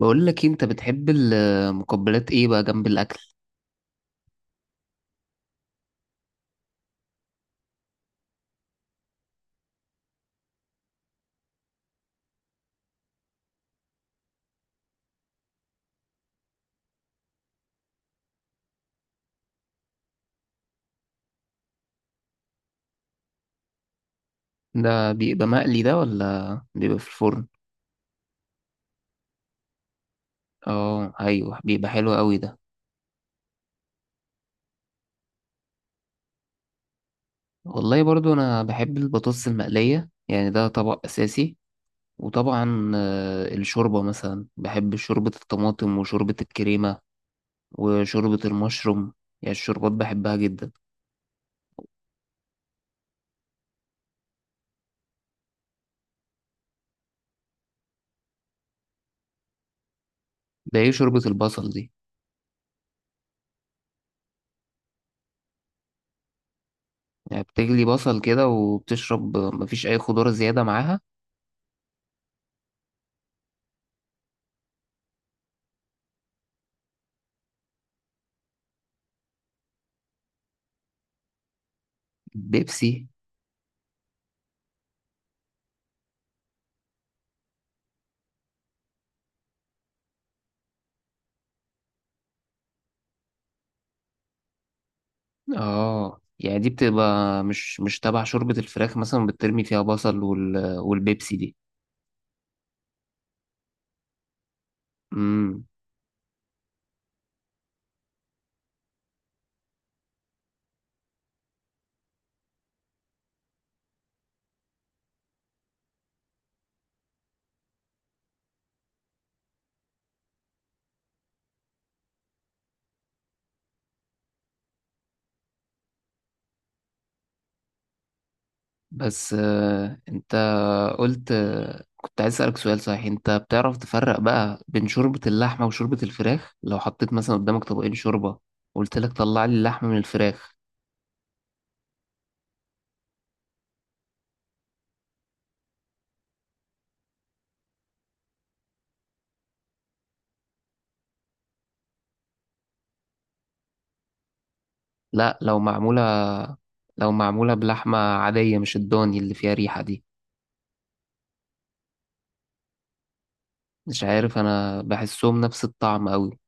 بقول لك إيه، انت بتحب المقبلات ايه بقى جنب الاكل؟ ده بيبقى مقلي ده ولا بيبقى في الفرن؟ اه ايوه، بيبقى حلو قوي ده. والله برضو انا بحب البطاطس المقليه، يعني ده طبق اساسي. وطبعا الشوربه مثلا، بحب شوربه الطماطم وشوربه الكريمه وشوربه المشروم. يعني الشوربات بحبها جدا. ده ايه شوربه البصل دي؟ يعني بتجلي بصل كده وبتشرب، مفيش اي خضار زياده معاها؟ بيبسي؟ اه، يعني دي بتبقى مش تبع شوربة الفراخ مثلا، بترمي فيها بصل والبيبسي دي؟ امم بس انت قلت، كنت عايز اسألك سؤال. صحيح انت بتعرف تفرق بقى بين شوربة اللحمة وشوربة الفراخ؟ لو حطيت مثلا قدامك طبقين شوربة، قلت لك طلع لي اللحمة من الفراخ. لا لو معمولة، لو معمولة بلحمة عادية مش الضاني اللي فيها ريحة دي. مش عارف، انا بحسهم نفس الطعم قوي.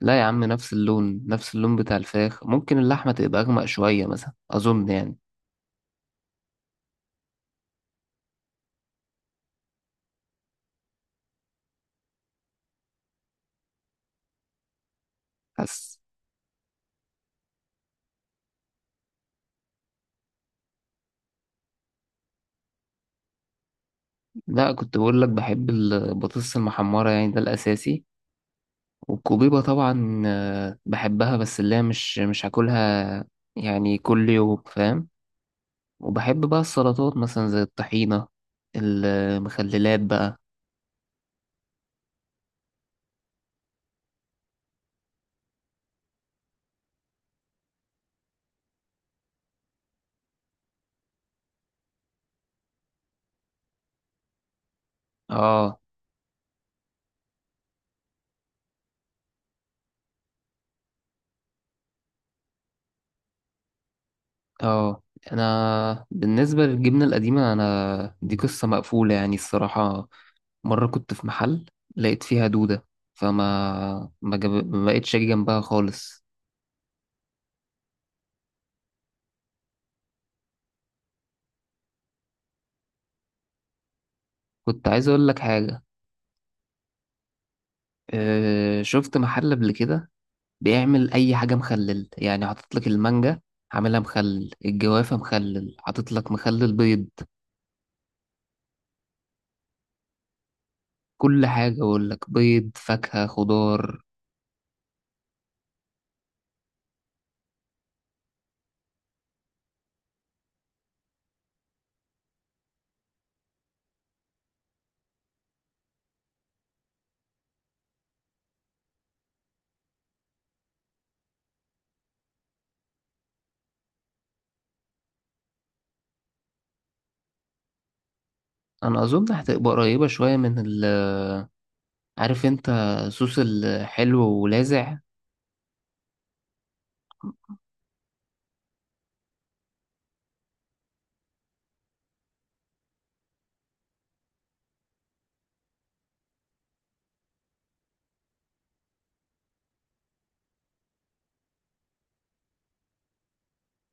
لا يا عم، نفس اللون، نفس اللون بتاع الفراخ. ممكن اللحمة تبقى أغمق شوية مثلا، أظن يعني. حاسس. لا كنت بقول لك بحب البطاطس المحمرة، يعني ده الأساسي. والكوبيبة طبعا بحبها، بس اللي هي مش هاكلها يعني كل يوم، فاهم. وبحب بقى السلطات مثلا زي الطحينة، المخللات بقى. اه اه. انا بالنسبة للجبنة القديمة، انا دي قصة مقفولة يعني الصراحة. مرة كنت في محل، لقيت فيها دودة. فما ما, جاب... ما بقتش أجي جنبها خالص. كنت عايز أقول لك حاجة. شفت محل قبل كده بيعمل أي حاجة مخلل، يعني حاطط لك المانجا عاملها مخلل، الجوافة مخلل، حاطط لك مخلل بيض. كل حاجة أقول لك، بيض، فاكهة، خضار. أنا أظن هتبقى قريبة شوية من عارف أنت، صوص الحلو ولاذع.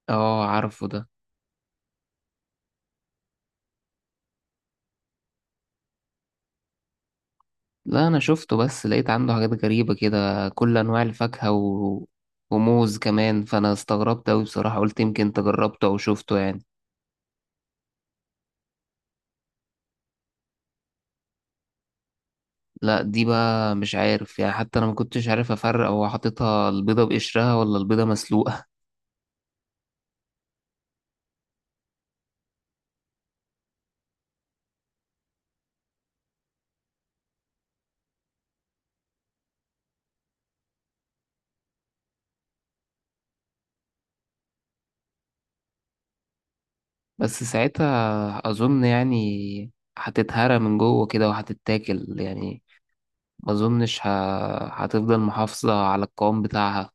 اه عارفه ده. لا انا شفته بس، لقيت عنده حاجات غريبة كده، كل انواع الفاكهة وموز كمان، فانا استغربت اوي بصراحة. قلت يمكن انت جربته او شفته يعني. لا دي بقى مش عارف يعني، حتى انا ما كنتش عارف افرق هو حاططها البيضة بقشرها ولا البيضة مسلوقة. بس ساعتها اظن يعني هتتهرى من جوه كده وهتتاكل يعني، ما اظنش ه... هتفضل محافظة على القوام بتاعها.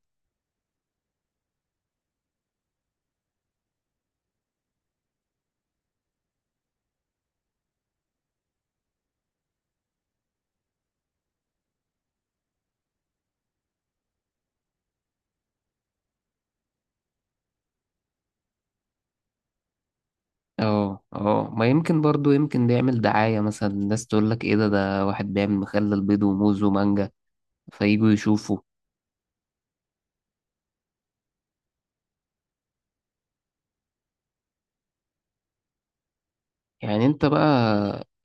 اه اه. ما يمكن برضو، يمكن ده يعمل دعاية مثلا، الناس تقول لك ايه ده، ده واحد بيعمل مخلل بيض وموز ومانجا، فيجوا يشوفوا. يعني انت بقى؟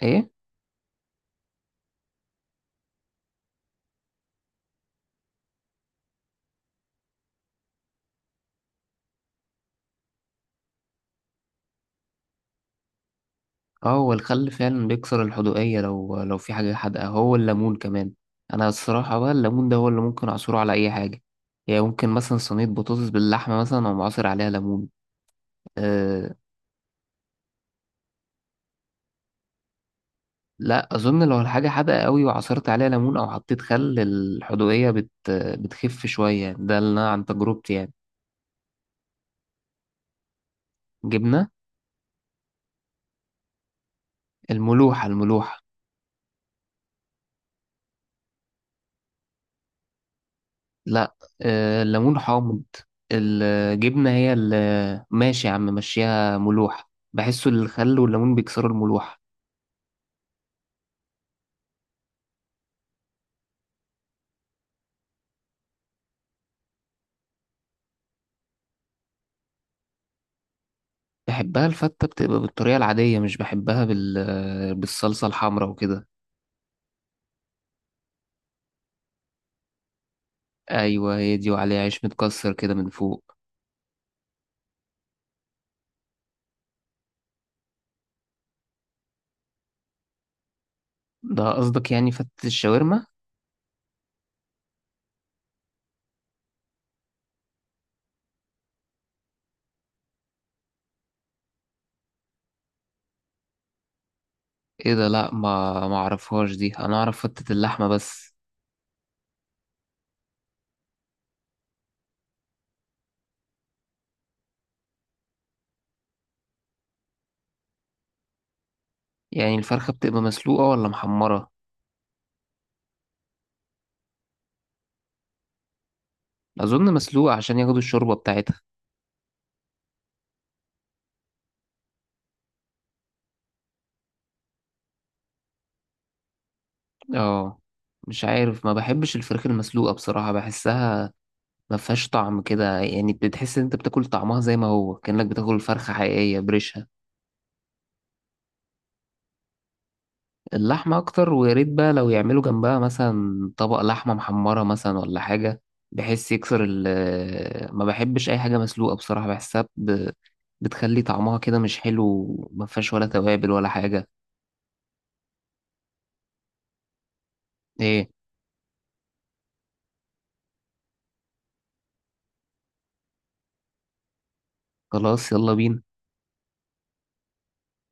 ايه؟ اه هو الخل فعلا بيكسر الحدوقية لو في حاجة حادقة، هو الليمون كمان. انا الصراحة بقى الليمون ده هو اللي ممكن اعصره على اي حاجة، يعني ممكن مثلا صينية بطاطس باللحمة مثلا، او عصر عليها ليمون. أه. لا اظن لو الحاجة حادقة قوي وعصرت عليها ليمون او حطيت خل، الحدوقية بتخف شوية، ده اللي انا عن تجربتي يعني. جبنة. الملوحة، الملوحة. لا الليمون حامض، الجبنة هي اللي، ماشي يا عم مشيها ملوحة، بحسه الخل والليمون بيكسروا الملوحة. بحبها الفتة، بتبقى بالطريقة العادية، مش بحبها بالصلصة الحمراء وكده. أيوة هي دي، وعليها عيش متكسر كده من فوق. ده قصدك يعني فتة الشاورما؟ ايه ده؟ لا ما اعرفهاش دي، انا اعرف فتة اللحمة بس. يعني الفرخة بتبقى مسلوقة ولا محمرة؟ أظن مسلوقة عشان ياخدوا الشوربة بتاعتها. اه. مش عارف، ما بحبش الفراخ المسلوقة بصراحة، بحسها ما فيهاش طعم كده يعني، بتحس ان انت بتاكل طعمها زي ما هو، كأنك بتاكل فرخة حقيقية بريشها. اللحمة اكتر، ويا ريت بقى لو يعملوا جنبها مثلا طبق لحمة محمرة مثلا ولا حاجة. بحس يكسر ال ما بحبش اي حاجة مسلوقة بصراحة، بتخلي طعمها كده مش حلو، ما فيهاش ولا توابل ولا حاجة. ايه؟ خلاص يلا بينا.